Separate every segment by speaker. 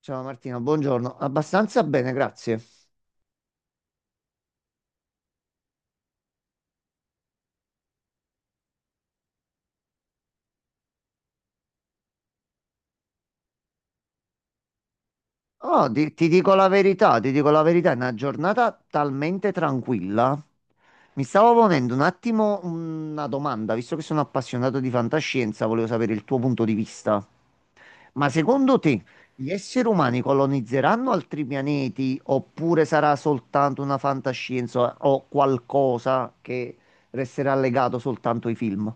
Speaker 1: Ciao Martino, buongiorno. Abbastanza bene, grazie. Oh, ti dico la verità, ti dico la verità, è una giornata talmente tranquilla. Mi stavo ponendo un attimo una domanda, visto che sono appassionato di fantascienza, volevo sapere il tuo punto di vista. Ma secondo te gli esseri umani colonizzeranno altri pianeti oppure sarà soltanto una fantascienza o qualcosa che resterà legato soltanto ai film?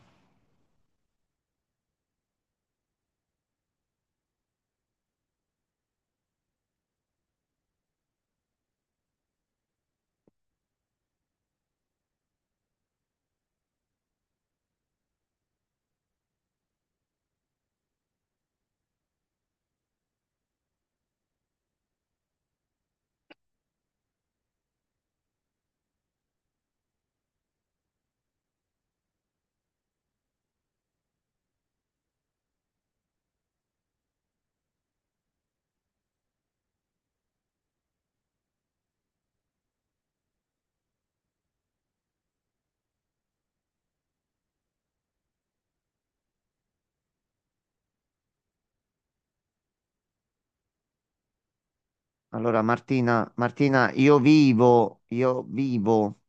Speaker 1: Allora, Martina, io vivo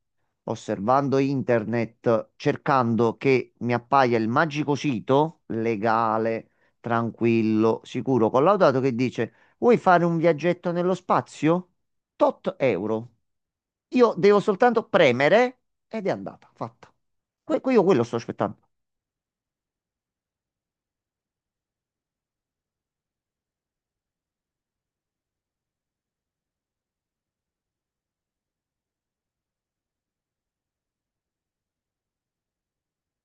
Speaker 1: osservando internet, cercando che mi appaia il magico sito legale, tranquillo, sicuro, collaudato che dice: vuoi fare un viaggetto nello spazio? Tot euro. Io devo soltanto premere ed è andata, fatta. Io quello sto aspettando.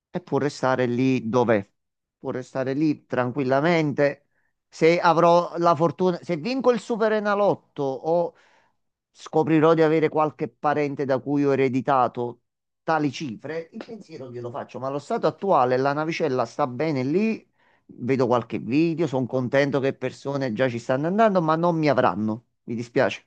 Speaker 1: E può restare lì dov'è. Può restare lì tranquillamente. Se avrò la fortuna, se vinco il Superenalotto o scoprirò di avere qualche parente da cui ho ereditato tali cifre, il pensiero glielo faccio. Ma allo stato attuale la navicella sta bene lì. Vedo qualche video, sono contento che persone già ci stanno andando, ma non mi avranno. Mi dispiace.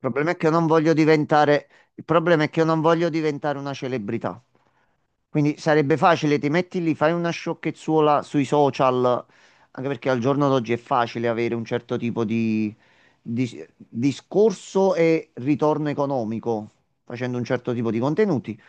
Speaker 1: Il problema è che io non voglio diventare, il problema è che io non voglio diventare una celebrità. Quindi sarebbe facile, ti metti lì, fai una sciocchezzuola sui social, anche perché al giorno d'oggi è facile avere un certo tipo di, discorso e ritorno economico facendo un certo tipo di contenuti.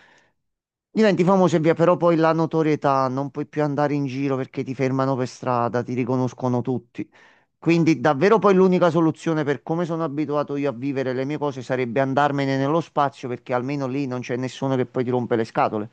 Speaker 1: Diventi famoso e via, però poi la notorietà, non puoi più andare in giro perché ti fermano per strada, ti riconoscono tutti. Quindi davvero poi l'unica soluzione per come sono abituato io a vivere le mie cose sarebbe andarmene nello spazio perché almeno lì non c'è nessuno che poi ti rompe le scatole.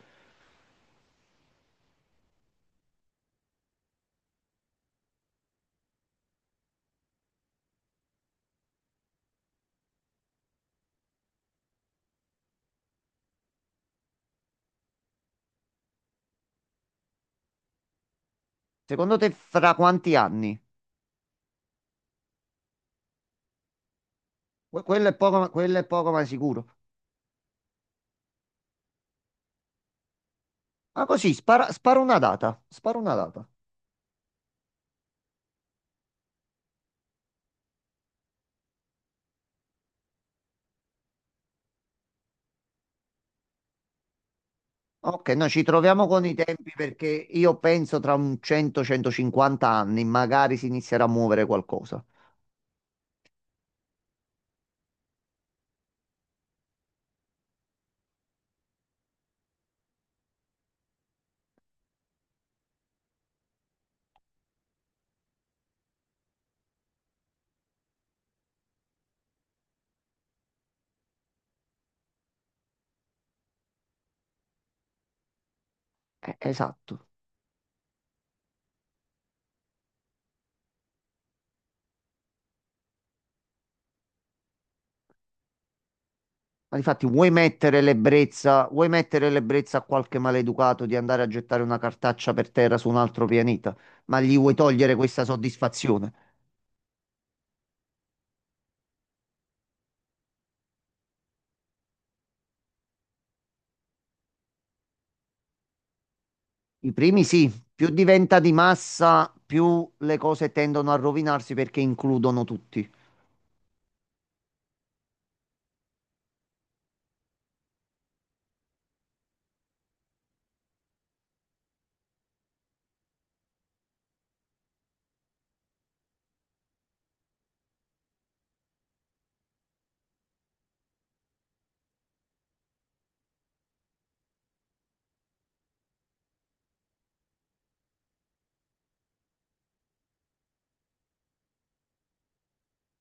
Speaker 1: Secondo te fra quanti anni? Quello è poco, quello è poco ma sicuro. Ma così, spara, spara una data, spara una data. Ok, noi ci troviamo con i tempi perché io penso tra un 100-150 anni magari si inizierà a muovere qualcosa. Esatto. Ma difatti vuoi mettere l'ebbrezza a qualche maleducato di andare a gettare una cartaccia per terra su un altro pianeta, ma gli vuoi togliere questa soddisfazione? I primi sì, più diventa di massa, più le cose tendono a rovinarsi perché includono tutti.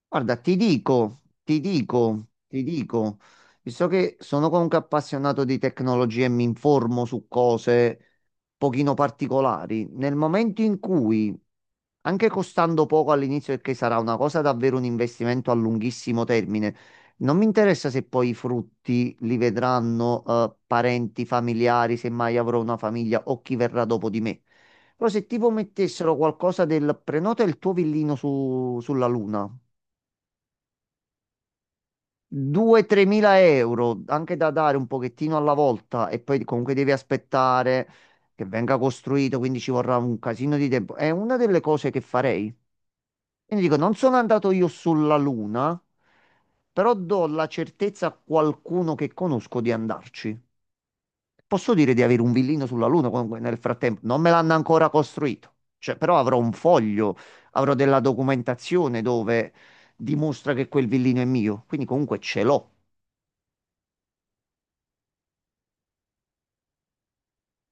Speaker 1: Guarda, ti dico, visto che sono comunque appassionato di tecnologia e mi informo su cose pochino particolari, nel momento in cui anche costando poco all'inizio, perché sarà una cosa davvero un investimento a lunghissimo termine. Non mi interessa se poi i frutti li vedranno parenti, familiari, se mai avrò una famiglia o chi verrà dopo di me. Però se tipo mettessero qualcosa del prenota il tuo villino sulla Luna, 2-3 mila euro, anche da dare un pochettino alla volta e poi comunque devi aspettare che venga costruito, quindi ci vorrà un casino di tempo. È una delle cose che farei. Quindi dico, non sono andato io sulla Luna, però do la certezza a qualcuno che conosco di andarci. Posso dire di avere un villino sulla Luna, comunque nel frattempo non me l'hanno ancora costruito, cioè, però avrò un foglio, avrò della documentazione dove dimostra che quel villino è mio, quindi comunque ce l'ho.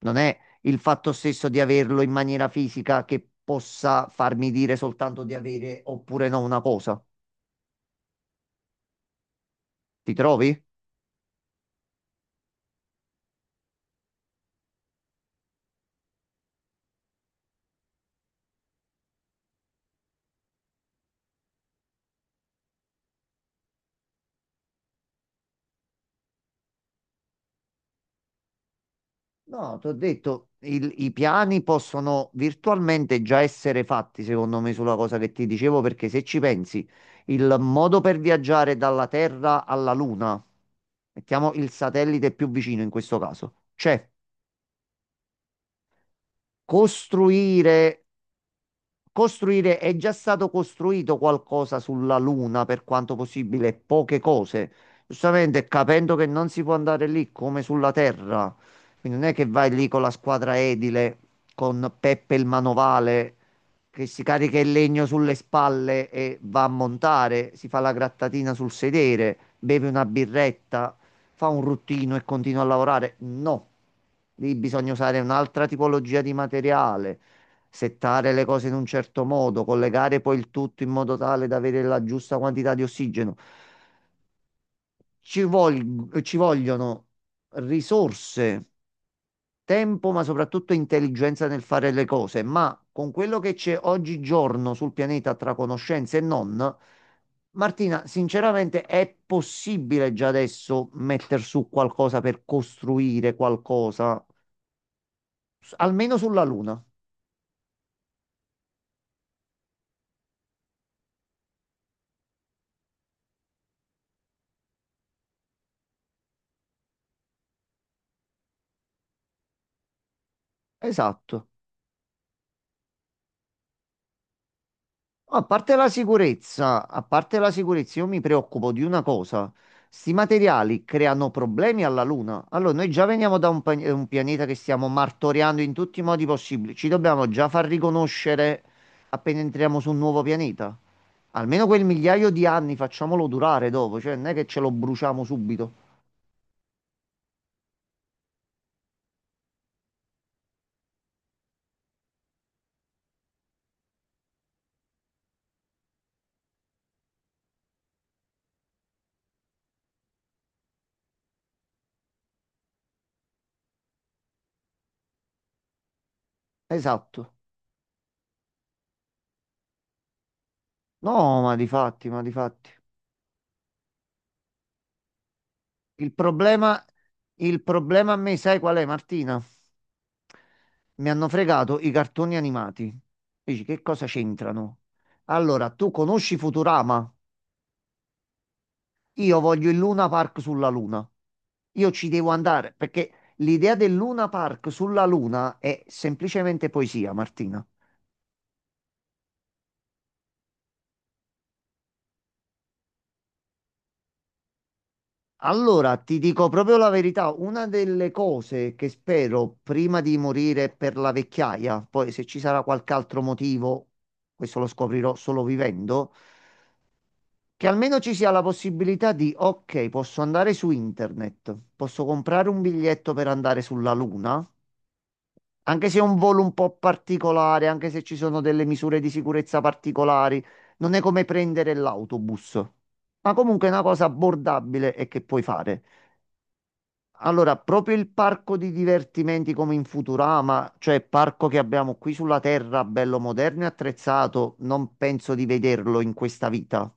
Speaker 1: Non è il fatto stesso di averlo in maniera fisica che possa farmi dire soltanto di avere oppure no una cosa. Ti trovi? No, ti ho detto, i piani possono virtualmente già essere fatti, secondo me, sulla cosa che ti dicevo, perché se ci pensi, il modo per viaggiare dalla Terra alla Luna, mettiamo il satellite più vicino in questo caso, c'è costruire costruire, è già stato costruito qualcosa sulla Luna per quanto possibile, poche cose. Giustamente, capendo che non si può andare lì come sulla Terra, quindi non è che vai lì con la squadra edile, con Peppe il manovale che si carica il legno sulle spalle e va a montare, si fa la grattatina sul sedere, beve una birretta, fa un ruttino e continua a lavorare. No, lì bisogna usare un'altra tipologia di materiale, settare le cose in un certo modo, collegare poi il tutto in modo tale da avere la giusta quantità di ossigeno. Ci vogliono risorse, tempo, ma soprattutto intelligenza nel fare le cose. Ma con quello che c'è oggigiorno sul pianeta tra conoscenze e non, Martina, sinceramente è possibile già adesso mettere su qualcosa per costruire qualcosa, almeno sulla Luna. Esatto. A parte la sicurezza, a parte la sicurezza, io mi preoccupo di una cosa. Sti materiali creano problemi alla Luna. Allora, noi già veniamo da un pianeta che stiamo martoriando in tutti i modi possibili. Ci dobbiamo già far riconoscere appena entriamo su un nuovo pianeta. Almeno quel migliaio di anni facciamolo durare dopo, cioè non è che ce lo bruciamo subito. Esatto. No, ma di fatti, ma di fatti. Il problema, il problema a me, sai qual è, Martina? Mi hanno fregato i cartoni animati. Dici, che cosa c'entrano? Allora, tu conosci Futurama? Io voglio il Luna Park sulla Luna. Io ci devo andare perché l'idea del Luna Park sulla Luna è semplicemente poesia, Martina. Allora, ti dico proprio la verità, una delle cose che spero prima di morire per la vecchiaia, poi se ci sarà qualche altro motivo, questo lo scoprirò solo vivendo, che almeno ci sia la possibilità di, ok, posso andare su internet, posso comprare un biglietto per andare sulla Luna, anche se è un volo un po' particolare, anche se ci sono delle misure di sicurezza particolari, non è come prendere l'autobus, ma comunque è una cosa abbordabile e che puoi fare. Allora, proprio il parco di divertimenti come in Futurama, cioè il parco che abbiamo qui sulla Terra, bello moderno e attrezzato, non penso di vederlo in questa vita.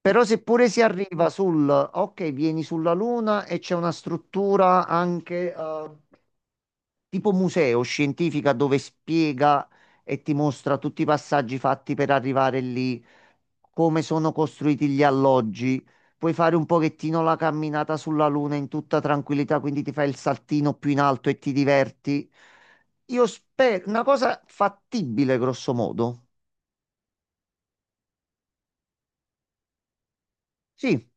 Speaker 1: Però seppure si arriva sul, ok, vieni sulla Luna e c'è una struttura anche tipo museo scientifica dove spiega e ti mostra tutti i passaggi fatti per arrivare lì, come sono costruiti gli alloggi. Puoi fare un pochettino la camminata sulla Luna in tutta tranquillità, quindi ti fai il saltino più in alto e ti diverti. Io spero, una cosa fattibile, grosso modo. Sì.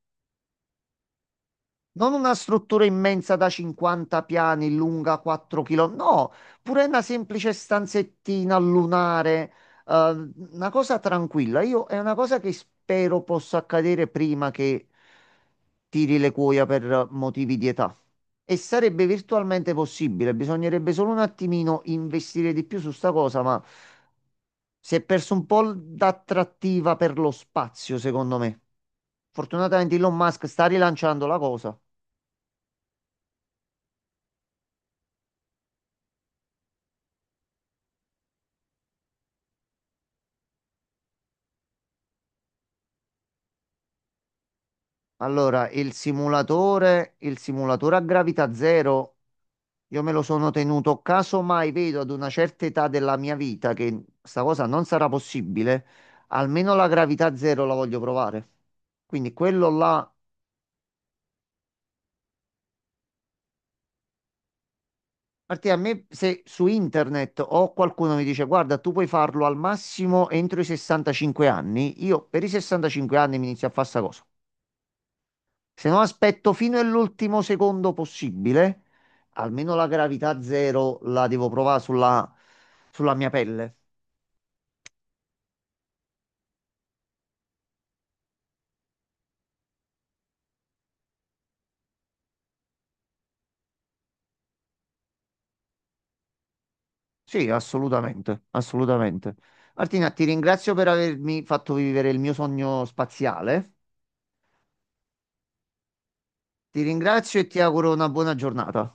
Speaker 1: Non una struttura immensa da 50 piani, lunga 4 km, no, pure una semplice stanzettina lunare, una cosa tranquilla. Io è una cosa che spero possa accadere prima che tiri le cuoia per motivi di età. E sarebbe virtualmente possibile, bisognerebbe solo un attimino investire di più su sta cosa, ma si è perso un po' d'attrattiva per lo spazio, secondo me. Fortunatamente Elon Musk sta rilanciando la cosa. Allora, il simulatore a gravità zero, io me lo sono tenuto caso mai vedo ad una certa età della mia vita che sta cosa non sarà possibile, almeno la gravità zero la voglio provare. Quindi quello là, perché a me se su internet o qualcuno mi dice guarda, tu puoi farlo al massimo entro i 65 anni, io per i 65 anni mi inizio a fare sta cosa. Se no aspetto fino all'ultimo secondo possibile, almeno la gravità zero la devo provare sulla mia pelle. Sì, assolutamente, assolutamente. Martina, ti ringrazio per avermi fatto vivere il mio sogno spaziale. Ti ringrazio e ti auguro una buona giornata.